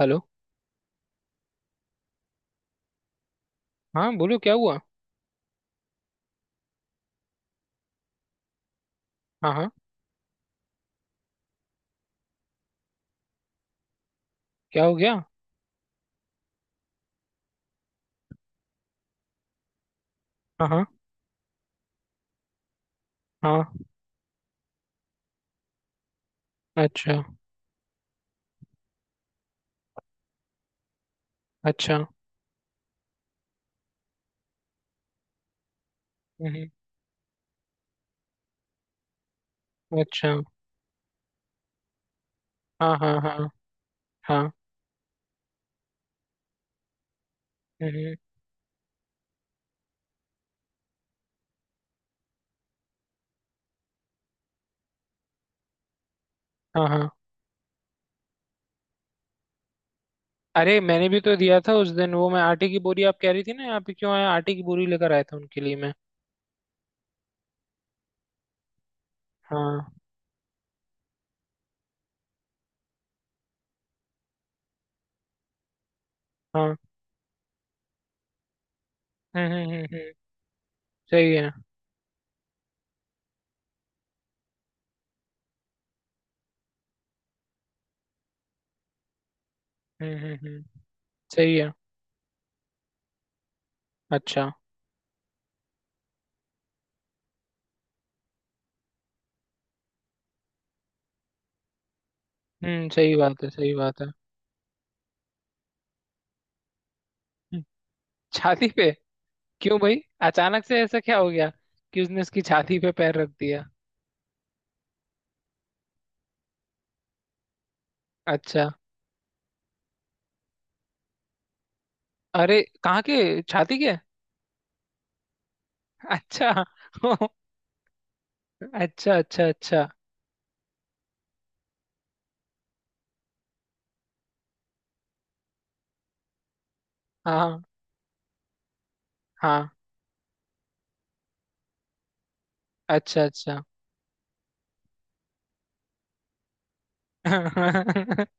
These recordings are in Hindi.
हेलो। हाँ बोलो क्या हुआ? हाँ हाँ। क्या हो गया? हाँ हाँ हाँ। अच्छा। अच्छा। हम्म। अच्छा। हाँ हाँ हाँ हाँ। हम्म। हाँ हाँ। अरे मैंने भी तो दिया था उस दिन, वो मैं आटे की बोरी आप कह रही थी ना, यहाँ पे क्यों आया? आटे की बोरी लेकर आया था उनके लिए मैं। हाँ हाँ। हम्म हम्म हम्म हम्म, सही है। हम्म। सही है। अच्छा। हम्म। सही बात है, सही बात है। हम्म, छाती पे? क्यों भाई? अचानक से ऐसा क्या हो गया कि उसने उसकी छाती पे पैर रख दिया? अच्छा। अरे कहाँ के, छाती के? अच्छा। ओ, अच्छा अच्छा अच्छा। हाँ हाँ। अच्छा अच्छा।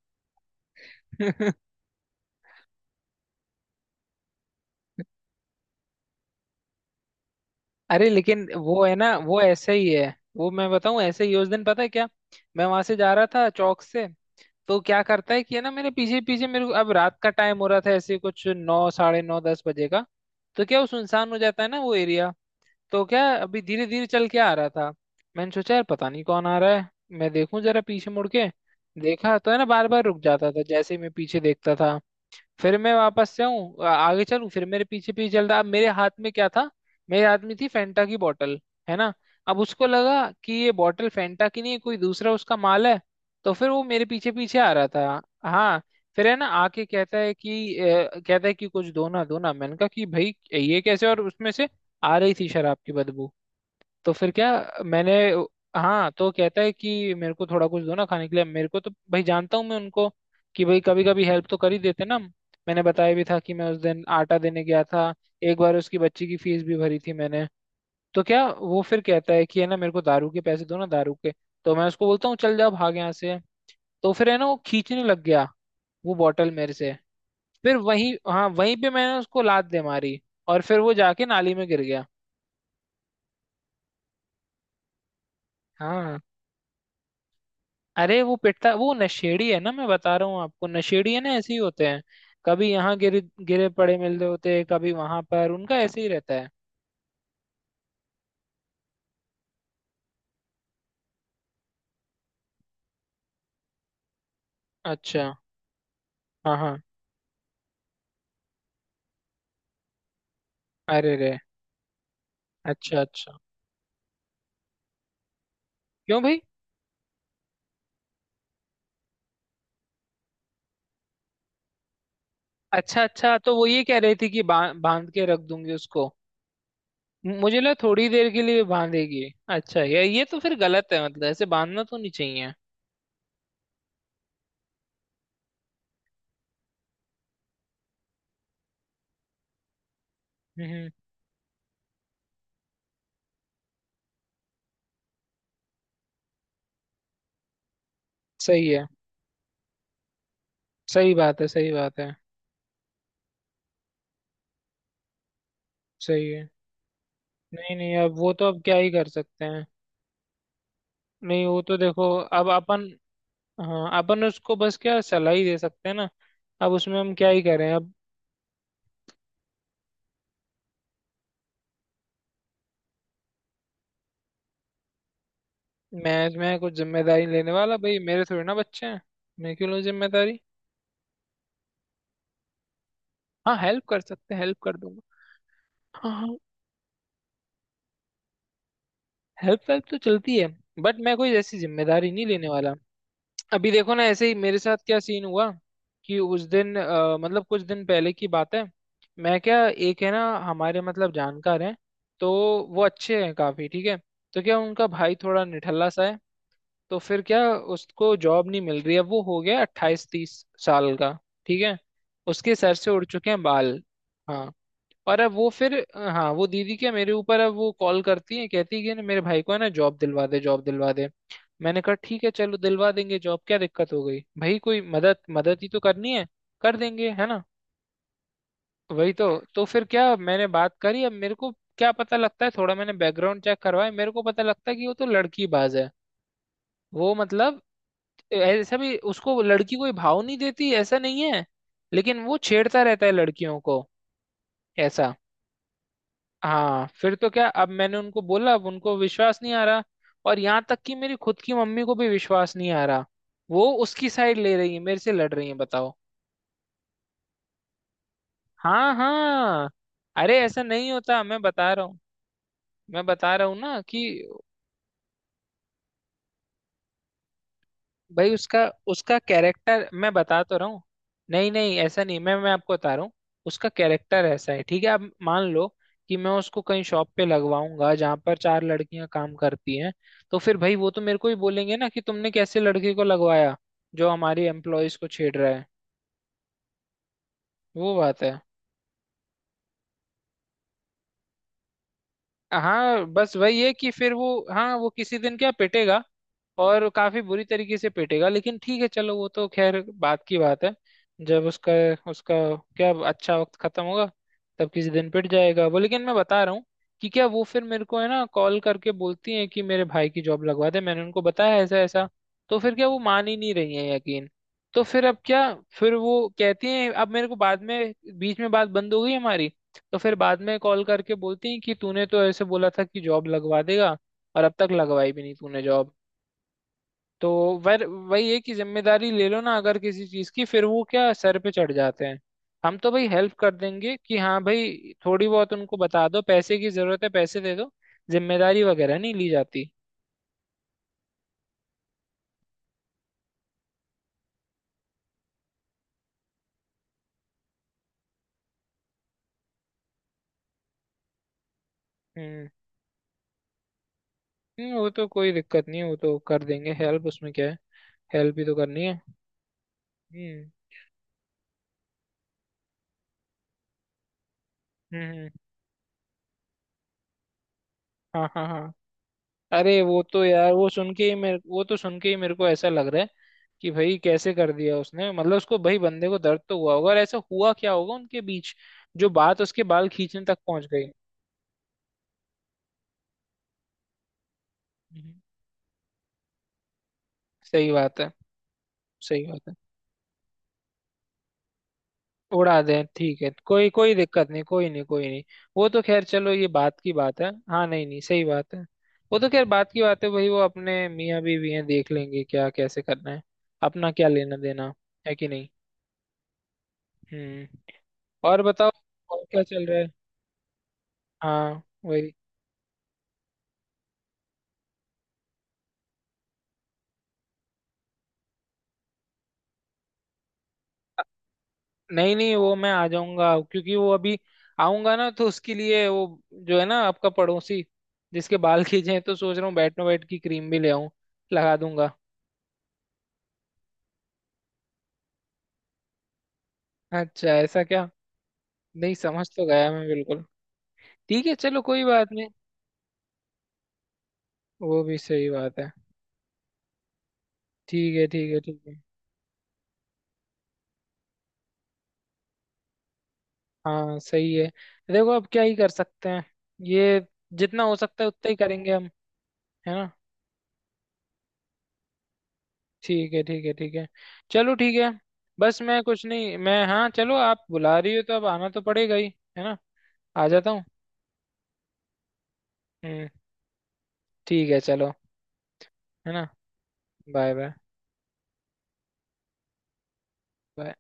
अरे लेकिन वो है ना, वो ऐसे ही है। वो मैं बताऊं, ऐसे ही है। उस दिन पता है क्या, मैं वहां से जा रहा था चौक से। तो क्या करता है कि है ना, मेरे पीछे पीछे, मेरे को अब रात का टाइम हो रहा था, ऐसे कुछ नौ साढ़े नौ दस बजे का। तो क्या वो सुनसान हो जाता है ना वो एरिया। तो क्या अभी धीरे धीरे चल के आ रहा था। मैंने सोचा यार पता नहीं कौन आ रहा है। मैं देखूं जरा पीछे मुड़ के। देखा तो है ना बार बार रुक जाता था जैसे ही मैं पीछे देखता था। फिर मैं वापस से आऊं, आगे चलूं, फिर मेरे पीछे पीछे चल रहा। अब मेरे हाथ में क्या था? मेरे हाथ में थी फेंटा की बोतल। है ना। अब उसको लगा कि ये बोतल फेंटा की नहीं है, कोई दूसरा उसका माल है। तो फिर वो मेरे पीछे पीछे आ रहा था। हाँ। फिर है ना आके कहता है कि कुछ दो ना, दो ना। मैंने कहा कि भाई, ये कैसे? और उसमें से आ रही थी शराब की बदबू। तो फिर क्या, मैंने, हाँ, तो कहता है कि मेरे को थोड़ा कुछ दो ना खाने के लिए। मेरे को तो भाई जानता हूँ मैं उनको, कि भाई कभी कभी हेल्प तो कर ही देते ना हम। मैंने बताया भी था कि मैं उस दिन आटा देने गया था। एक बार उसकी बच्ची की फीस भी भरी थी मैंने। तो क्या वो फिर कहता है कि है ना, मेरे को दारू के पैसे दो ना, दारू के। तो मैं उसको बोलता हूँ, चल जा भाग यहाँ से। तो फिर है ना वो खींचने लग गया वो बॉटल मेरे से। फिर वही, हाँ, वहीं पे मैंने उसको लात दे मारी। और फिर वो जाके नाली में गिर गया। हाँ। अरे वो पिटता, वो नशेड़ी है ना, मैं बता रहा हूँ आपको, नशेड़ी है ना, ऐसे ही होते हैं। कभी यहाँ गिरे गिरे पड़े मिल रहे होते हैं, कभी वहां पर, उनका ऐसे ही रहता है। अच्छा। हाँ हाँ। अरे रे। अच्छा अच्छा। क्यों भाई? अच्छा अच्छा, तो वो ये कह रही थी कि बांध के रख दूंगी उसको। मुझे लगा थोड़ी देर के लिए बांधेगी। अच्छा, ये तो फिर गलत है, मतलब ऐसे बांधना तो नहीं चाहिए। हम्म हम्म, सही है। सही बात है, सही बात है। सही है। नहीं नहीं, अब वो तो, अब क्या ही कर सकते हैं। नहीं वो तो देखो, अब अपन, हाँ अपन उसको बस क्या सलाह ही दे सकते हैं ना। अब उसमें हम क्या ही करें अब। मैं कुछ जिम्मेदारी लेने वाला भाई, मेरे थोड़ी ना बच्चे हैं। मैं क्यों लूँ जिम्मेदारी? हाँ हेल्प कर सकते हैं, हेल्प कर दूंगा। हाँ हाँ। हेल्प, हेल्प तो चलती है। बट मैं कोई ऐसी जिम्मेदारी नहीं लेने वाला। अभी देखो ना, ऐसे ही मेरे साथ क्या सीन हुआ कि उस दिन, मतलब कुछ दिन पहले की बात है, मैं क्या, एक है ना, हमारे मतलब जानकार हैं, तो वो अच्छे हैं, काफी ठीक है। तो क्या, उनका भाई थोड़ा निठल्ला सा है। तो फिर क्या, उसको जॉब नहीं मिल रही है, वो हो गया अट्ठाईस तीस साल का, ठीक है, उसके सर से उड़ चुके हैं बाल। हाँ। और अब वो फिर, हाँ, वो दीदी क्या मेरे ऊपर अब वो कॉल करती है, कहती है कि ना, मेरे भाई को है ना, जॉब दिलवा दे, जॉब दिलवा दे। मैंने कहा ठीक है चलो दिलवा देंगे जॉब, क्या दिक्कत हो गई भाई, कोई मदद, मदद ही तो करनी है। कर देंगे, है ना, वही तो। तो फिर क्या, मैंने बात करी। अब मेरे को क्या पता लगता है, थोड़ा मैंने बैकग्राउंड चेक करवाया, मेरे को पता लगता है कि वो तो लड़की बाज है। वो मतलब, ऐसा भी उसको लड़की कोई भाव नहीं देती, ऐसा नहीं है, लेकिन वो छेड़ता रहता है लड़कियों को, ऐसा। हाँ, फिर तो क्या, अब मैंने उनको बोला, अब उनको विश्वास नहीं आ रहा। और यहाँ तक कि मेरी खुद की मम्मी को भी विश्वास नहीं आ रहा, वो उसकी साइड ले रही है, मेरे से लड़ रही है, बताओ। हाँ हाँ। अरे ऐसा नहीं होता, मैं बता रहा हूँ। मैं बता रहा हूँ ना, कि भाई उसका, उसका कैरेक्टर, मैं बता तो रहा हूँ। नहीं नहीं ऐसा नहीं, मैं आपको बता रहा हूँ। उसका कैरेक्टर ऐसा है, ठीक है, आप मान लो कि मैं उसको कहीं शॉप पे लगवाऊंगा जहां पर चार लड़कियां काम करती हैं, तो फिर भाई वो तो मेरे को ही बोलेंगे ना कि तुमने कैसे लड़की को लगवाया जो हमारी एम्प्लॉयज को छेड़ रहा है। वो बात है। हाँ, बस वही है कि फिर वो, हाँ वो किसी दिन क्या पिटेगा, और काफी बुरी तरीके से पीटेगा। लेकिन ठीक है चलो, वो तो खैर बात की बात है। जब उसका, उसका क्या अच्छा वक्त खत्म होगा, तब किसी दिन पिट जाएगा वो। लेकिन मैं बता रहा हूँ कि क्या, वो फिर मेरे को है ना कॉल करके बोलती हैं कि मेरे भाई की जॉब लगवा दे। मैंने उनको बताया ऐसा ऐसा, तो फिर क्या वो मान ही नहीं रही है, यकीन। तो फिर अब क्या, फिर वो कहती हैं अब मेरे को बाद में, बीच में बात बंद हो गई हमारी, तो फिर बाद में कॉल करके बोलती हैं कि तूने तो ऐसे बोला था कि जॉब लगवा देगा, और अब तक लगवाई भी नहीं तूने जॉब। तो वर वही है कि जिम्मेदारी ले लो ना अगर किसी चीज की, फिर वो क्या सर पे चढ़ जाते हैं। हम तो भाई हेल्प कर देंगे कि हाँ भाई, थोड़ी बहुत उनको बता दो पैसे की जरूरत है, पैसे दे दो। जिम्मेदारी वगैरह नहीं ली जाती। हम्म वो तो कोई दिक्कत नहीं, वो तो कर देंगे हेल्प, उसमें क्या है, हेल्प भी तो करनी है। हम्म हम्म हम्म, हाँ हाँ हाँ। अरे वो तो यार, वो तो सुन के ही मेरे को ऐसा लग रहा है कि भाई कैसे कर दिया उसने, मतलब उसको, भाई बंदे को दर्द तो हुआ होगा, और ऐसा हुआ क्या होगा उनके बीच जो बात उसके बाल खींचने तक पहुंच गई। हम्म। सही बात है, सही बात है। उड़ा दें, ठीक है, कोई कोई दिक्कत नहीं, कोई नहीं, कोई नहीं। वो तो खैर चलो, ये बात की बात है, हाँ, नहीं नहीं, सही बात है। वो तो खैर बात की बात है भाई, वो अपने मियाँ बीवी हैं, देख लेंगे क्या कैसे करना है। अपना क्या लेना देना, है कि नहीं। हम्म। और बताओ, और क्या चल रहा है? हाँ वही। नहीं नहीं, वो मैं आ जाऊंगा। क्योंकि वो अभी, आऊंगा ना तो उसके लिए वो, जो है ना आपका पड़ोसी, जिसके बाल खींचे हैं, तो सोच रहा हूँ बैटनो बैट की क्रीम भी ले आऊं, लगा दूंगा। अच्छा ऐसा क्या। नहीं समझ तो गया मैं, बिल्कुल। ठीक है चलो, कोई बात नहीं। वो भी सही बात है। ठीक है ठीक है ठीक है। हाँ सही है। देखो अब क्या ही कर सकते हैं ये, जितना हो सकता है उतना ही करेंगे हम, है ना। ठीक है ठीक है ठीक है। चलो ठीक है। बस मैं कुछ नहीं, मैं, हाँ चलो आप बुला रही हो तो अब आना तो पड़ेगा ही, है ना। आ जाता हूँ। हम्म। ठीक है चलो, है ना। Bye bye. बाय।